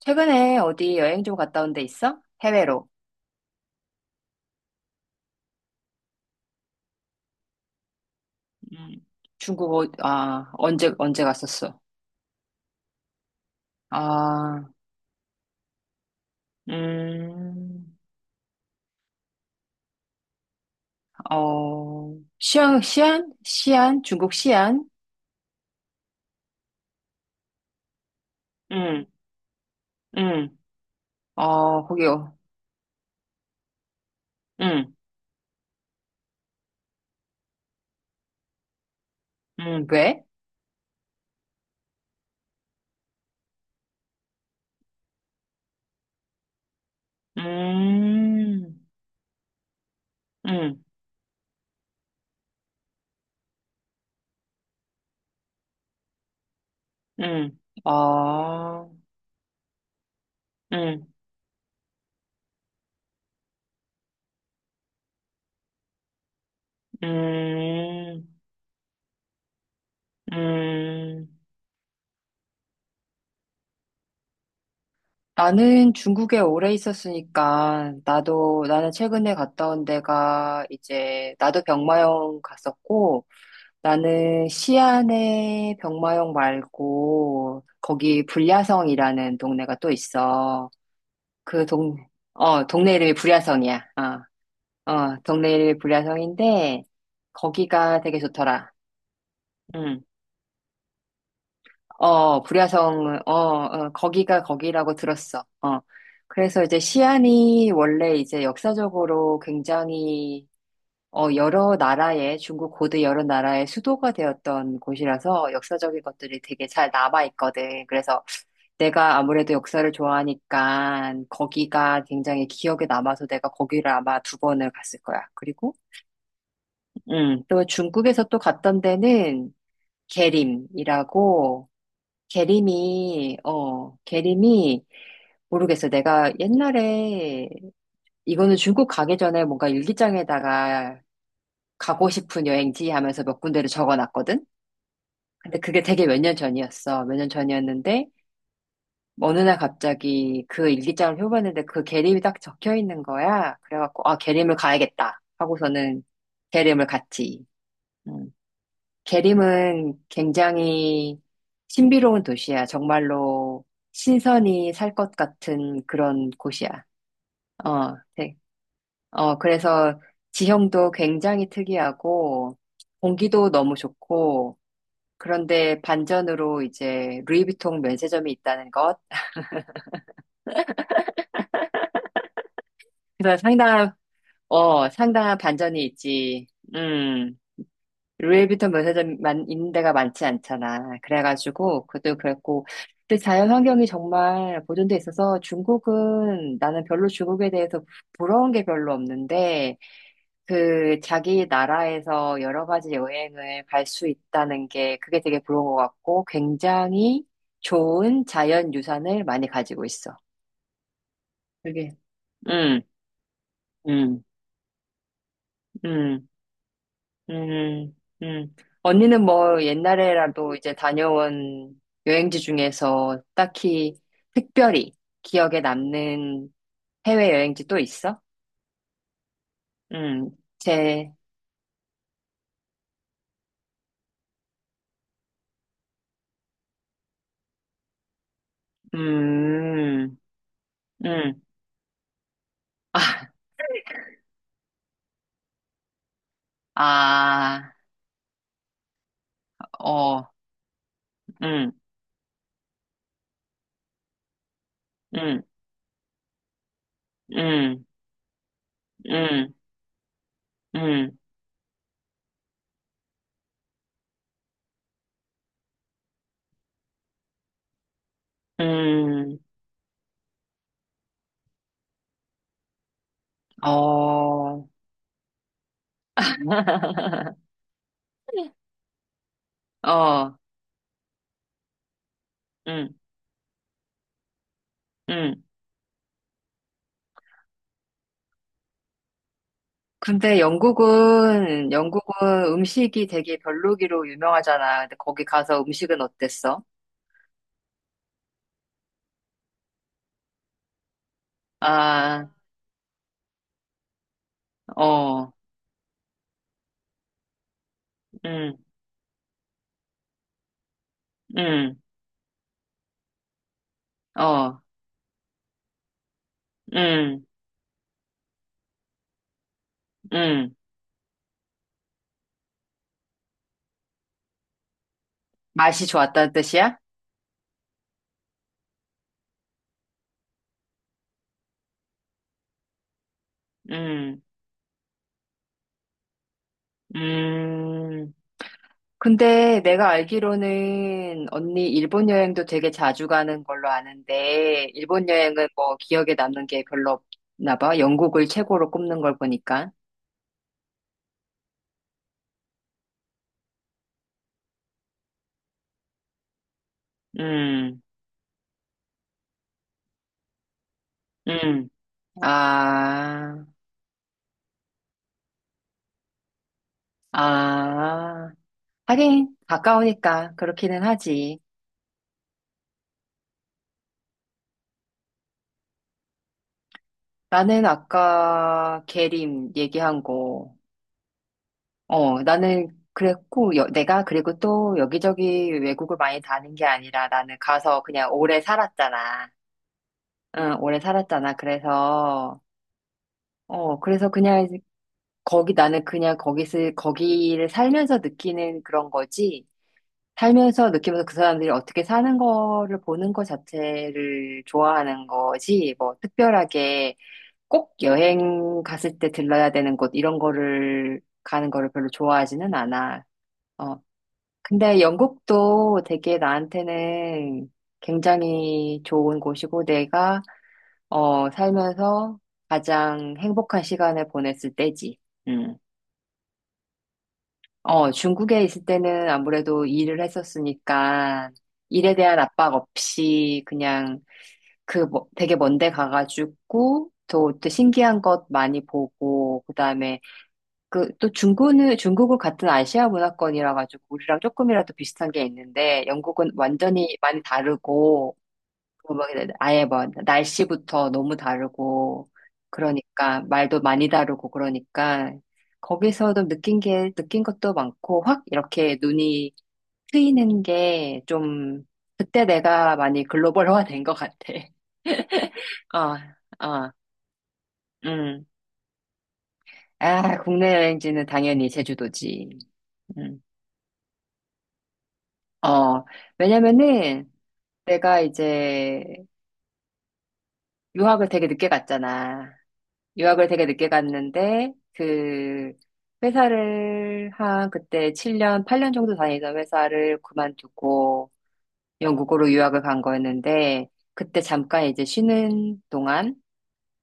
최근에 어디 여행 좀 갔다 온데 있어? 해외로. 음, 중국, 언제 갔었어? 아, 음, 어, 시안, 시안? 시안? 중국 시안? 응, 응. 어, 거기요. 응, 응. 왜? 음, 응, 응. 어, 음, 음, 음. 나는 중국에 오래 있었으니까, 나는 최근에 갔다 온 데가 이제, 나도 병마용 갔었고, 나는 시안에 병마용 말고, 거기 불야성이라는 동네가 또 있어. 그 동, 동네 이름이 불야성이야. 어, 동네 이름이 불야성인데, 거기가 되게 좋더라. 응. 어, 불야성, 거기가 거기라고 들었어. 어. 그래서 이제 시안이 원래 이제 역사적으로 굉장히, 중국 고대 여러 나라의 수도가 되었던 곳이라서 역사적인 것들이 되게 잘 남아있거든. 그래서 내가 아무래도 역사를 좋아하니까 거기가 굉장히 기억에 남아서 내가 거기를 아마 두 번을 갔을 거야. 그리고, 또 중국에서 또 갔던 데는 계림이라고, 게림이, 모르겠어. 내가 옛날에, 이거는 중국 가기 전에 뭔가 일기장에다가 가고 싶은 여행지 하면서 몇 군데를 적어 놨거든? 근데 그게 되게 몇 년 전이었어. 몇 년 전이었는데, 어느 날 갑자기 그 일기장을 펴봤는데 그 게림이 딱 적혀 있는 거야. 그래갖고, 아, 게림을 가야겠다. 하고서는 게림을 갔지. 음. 게림은 굉장히 신비로운 도시야. 정말로 신선히 살 것 같은 그런 곳이야. 어, 네. 그래서 지형도 굉장히 특이하고 공기도 너무 좋고 그런데 반전으로 이제 루이비통 면세점이 있다는 것. 그래서 상당한 반전이 있지. 음. 루이비통 면세점만 있는 데가 많지 않잖아. 그래가지고 그것도 그랬고 근데 자연 환경이 정말 보존돼 있어서 중국은 나는 별로 중국에 대해서 부러운 게 별로 없는데 그 자기 나라에서 여러 가지 여행을 갈 수 있다는 게 그게 되게 부러운 것 같고 굉장히 좋은 자연 유산을 많이 가지고 있어. 그게. 음, 음, 음. 음, 음. 언니는 뭐 옛날에라도 이제 다녀온 여행지 중에서 딱히 특별히 기억에 남는 해외 여행지 또 있어? 음, 제, 음, 음, 아, 아, 어, 음, 음, 음, 음, 음, 음, 어, 어, 음, 음. 근데 영국은 음식이 되게 별로기로 유명하잖아. 근데 거기 가서 음식은 어땠어? 아, 어, 음, 음, 어, 음, 음. 맛이 좋았다는 뜻이야? 음, 음. 근데 내가 알기로는 언니 일본 여행도 되게 자주 가는 걸로 아는데, 일본 여행은 뭐 기억에 남는 게 별로 없나 봐. 영국을 최고로 꼽는 걸 보니까. 음, 음. 아. 아, 하긴 가까우니까 그렇기는 하지. 나는 아까 계림 얘기한 거, 나는 그랬고, 내가 그리고 또 여기저기 외국을 많이 다닌 게 아니라 나는 가서 그냥 오래 살았잖아. 응, 오래 살았잖아. 그래서, 그래서 그냥 나는 그냥 거기를 살면서 느끼는 그런 거지. 살면서 느끼면서 그 사람들이 어떻게 사는 거를 보는 것 자체를 좋아하는 거지, 뭐, 특별하게 꼭 여행 갔을 때 들러야 되는 곳, 이런 거를 가는 거를 별로 좋아하지는 않아. 어, 근데 영국도 되게 나한테는 굉장히 좋은 곳이고, 살면서 가장 행복한 시간을 보냈을 때지. 음. 중국에 있을 때는 아무래도 일을 했었으니까 일에 대한 압박 없이 그냥 되게 먼데 가가지고 또 신기한 것 많이 보고 그다음에 그 또 중국은 같은 아시아 문화권이라 가지고 우리랑 조금이라도 비슷한 게 있는데 영국은 완전히 많이 다르고 뭐, 막 아예 뭐 날씨부터 너무 다르고 그러니까 말도 많이 다르고 그러니까 거기서도 느낀 것도 많고 확 이렇게 눈이 트이는 게 좀 그때 내가 많이 글로벌화 된 것 같아. 아, 아, 음. 아, 국내 여행지는 당연히 제주도지. 음. 어, 왜냐면은 내가 이제 유학을 되게 늦게 갔잖아. 유학을 되게 늦게 갔는데 그 회사를 한 그때 7년, 8년 정도 다니던 회사를 그만두고 영국으로 유학을 간 거였는데 그때 잠깐 이제 쉬는 동안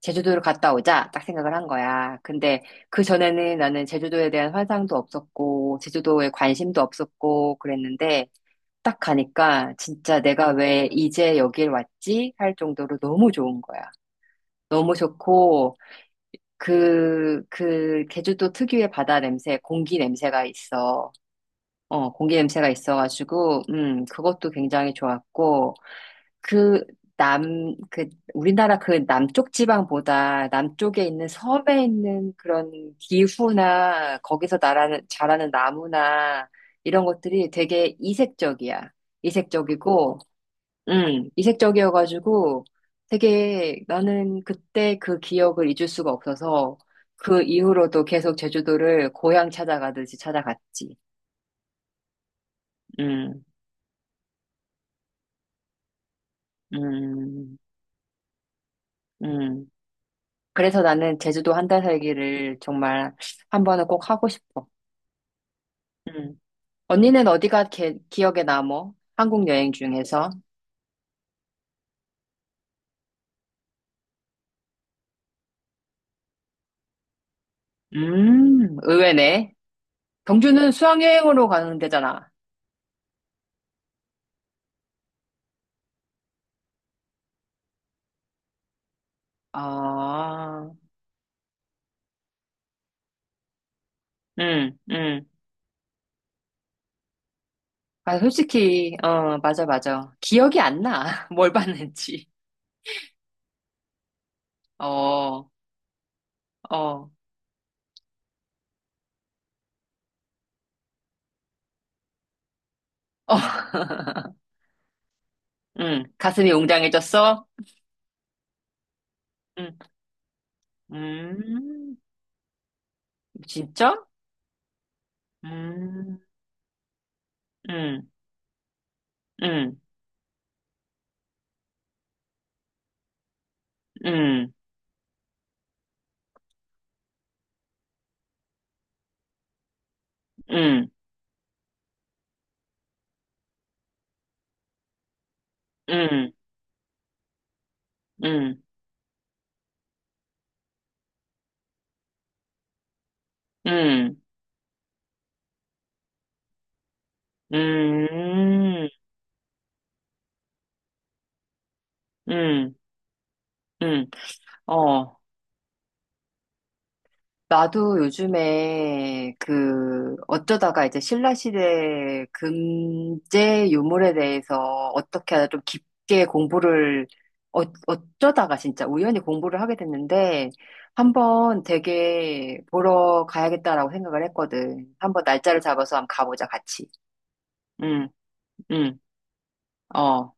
제주도를 갔다 오자 딱 생각을 한 거야. 근데 그 전에는 나는 제주도에 대한 환상도 없었고 제주도에 관심도 없었고 그랬는데 딱 가니까 진짜 내가 왜 이제 여길 왔지? 할 정도로 너무 좋은 거야. 너무 좋고 제주도 특유의 바다 냄새, 공기 냄새가 있어. 공기 냄새가 있어가지고, 그것도 굉장히 좋았고, 그, 남, 그, 우리나라 그 남쪽 지방보다 남쪽에 있는 섬에 있는 그런 기후나, 거기서 자라는 나무나, 이런 것들이 되게 이색적이야. 이색적이고, 이색적이어가지고 되게 나는 그때 그 기억을 잊을 수가 없어서 그 이후로도 계속 제주도를 고향 찾아가듯이 찾아갔지. 음, 음, 음. 그래서 나는 제주도 한 달 살기를 정말 한 번은 꼭 하고 싶어. 음. 언니는 어디가 기억에 남어? 한국 여행 중에서? 의외네. 경주는 수학여행으로 가는 데잖아. 아, 응, 응. 아, 솔직히, 맞아, 맞아. 기억이 안 나. 뭘 봤는지. 어, 어, 어. 응, 가슴이 웅장해졌어? 응, 음, 진짜? 음, 음, 음, 음, 음, 음, 음, 음, 음, 음, 음, 음. 어. 나도 요즘에 그 어쩌다가 이제 신라시대 금제 유물에 대해서 어떻게 하다 좀 깊게 공부를 어, 어쩌다가 진짜 우연히 공부를 하게 됐는데 한번 되게 보러 가야겠다라고 생각을 했거든. 한번 날짜를 잡아서 한번 가보자 같이. 응, 응, 어.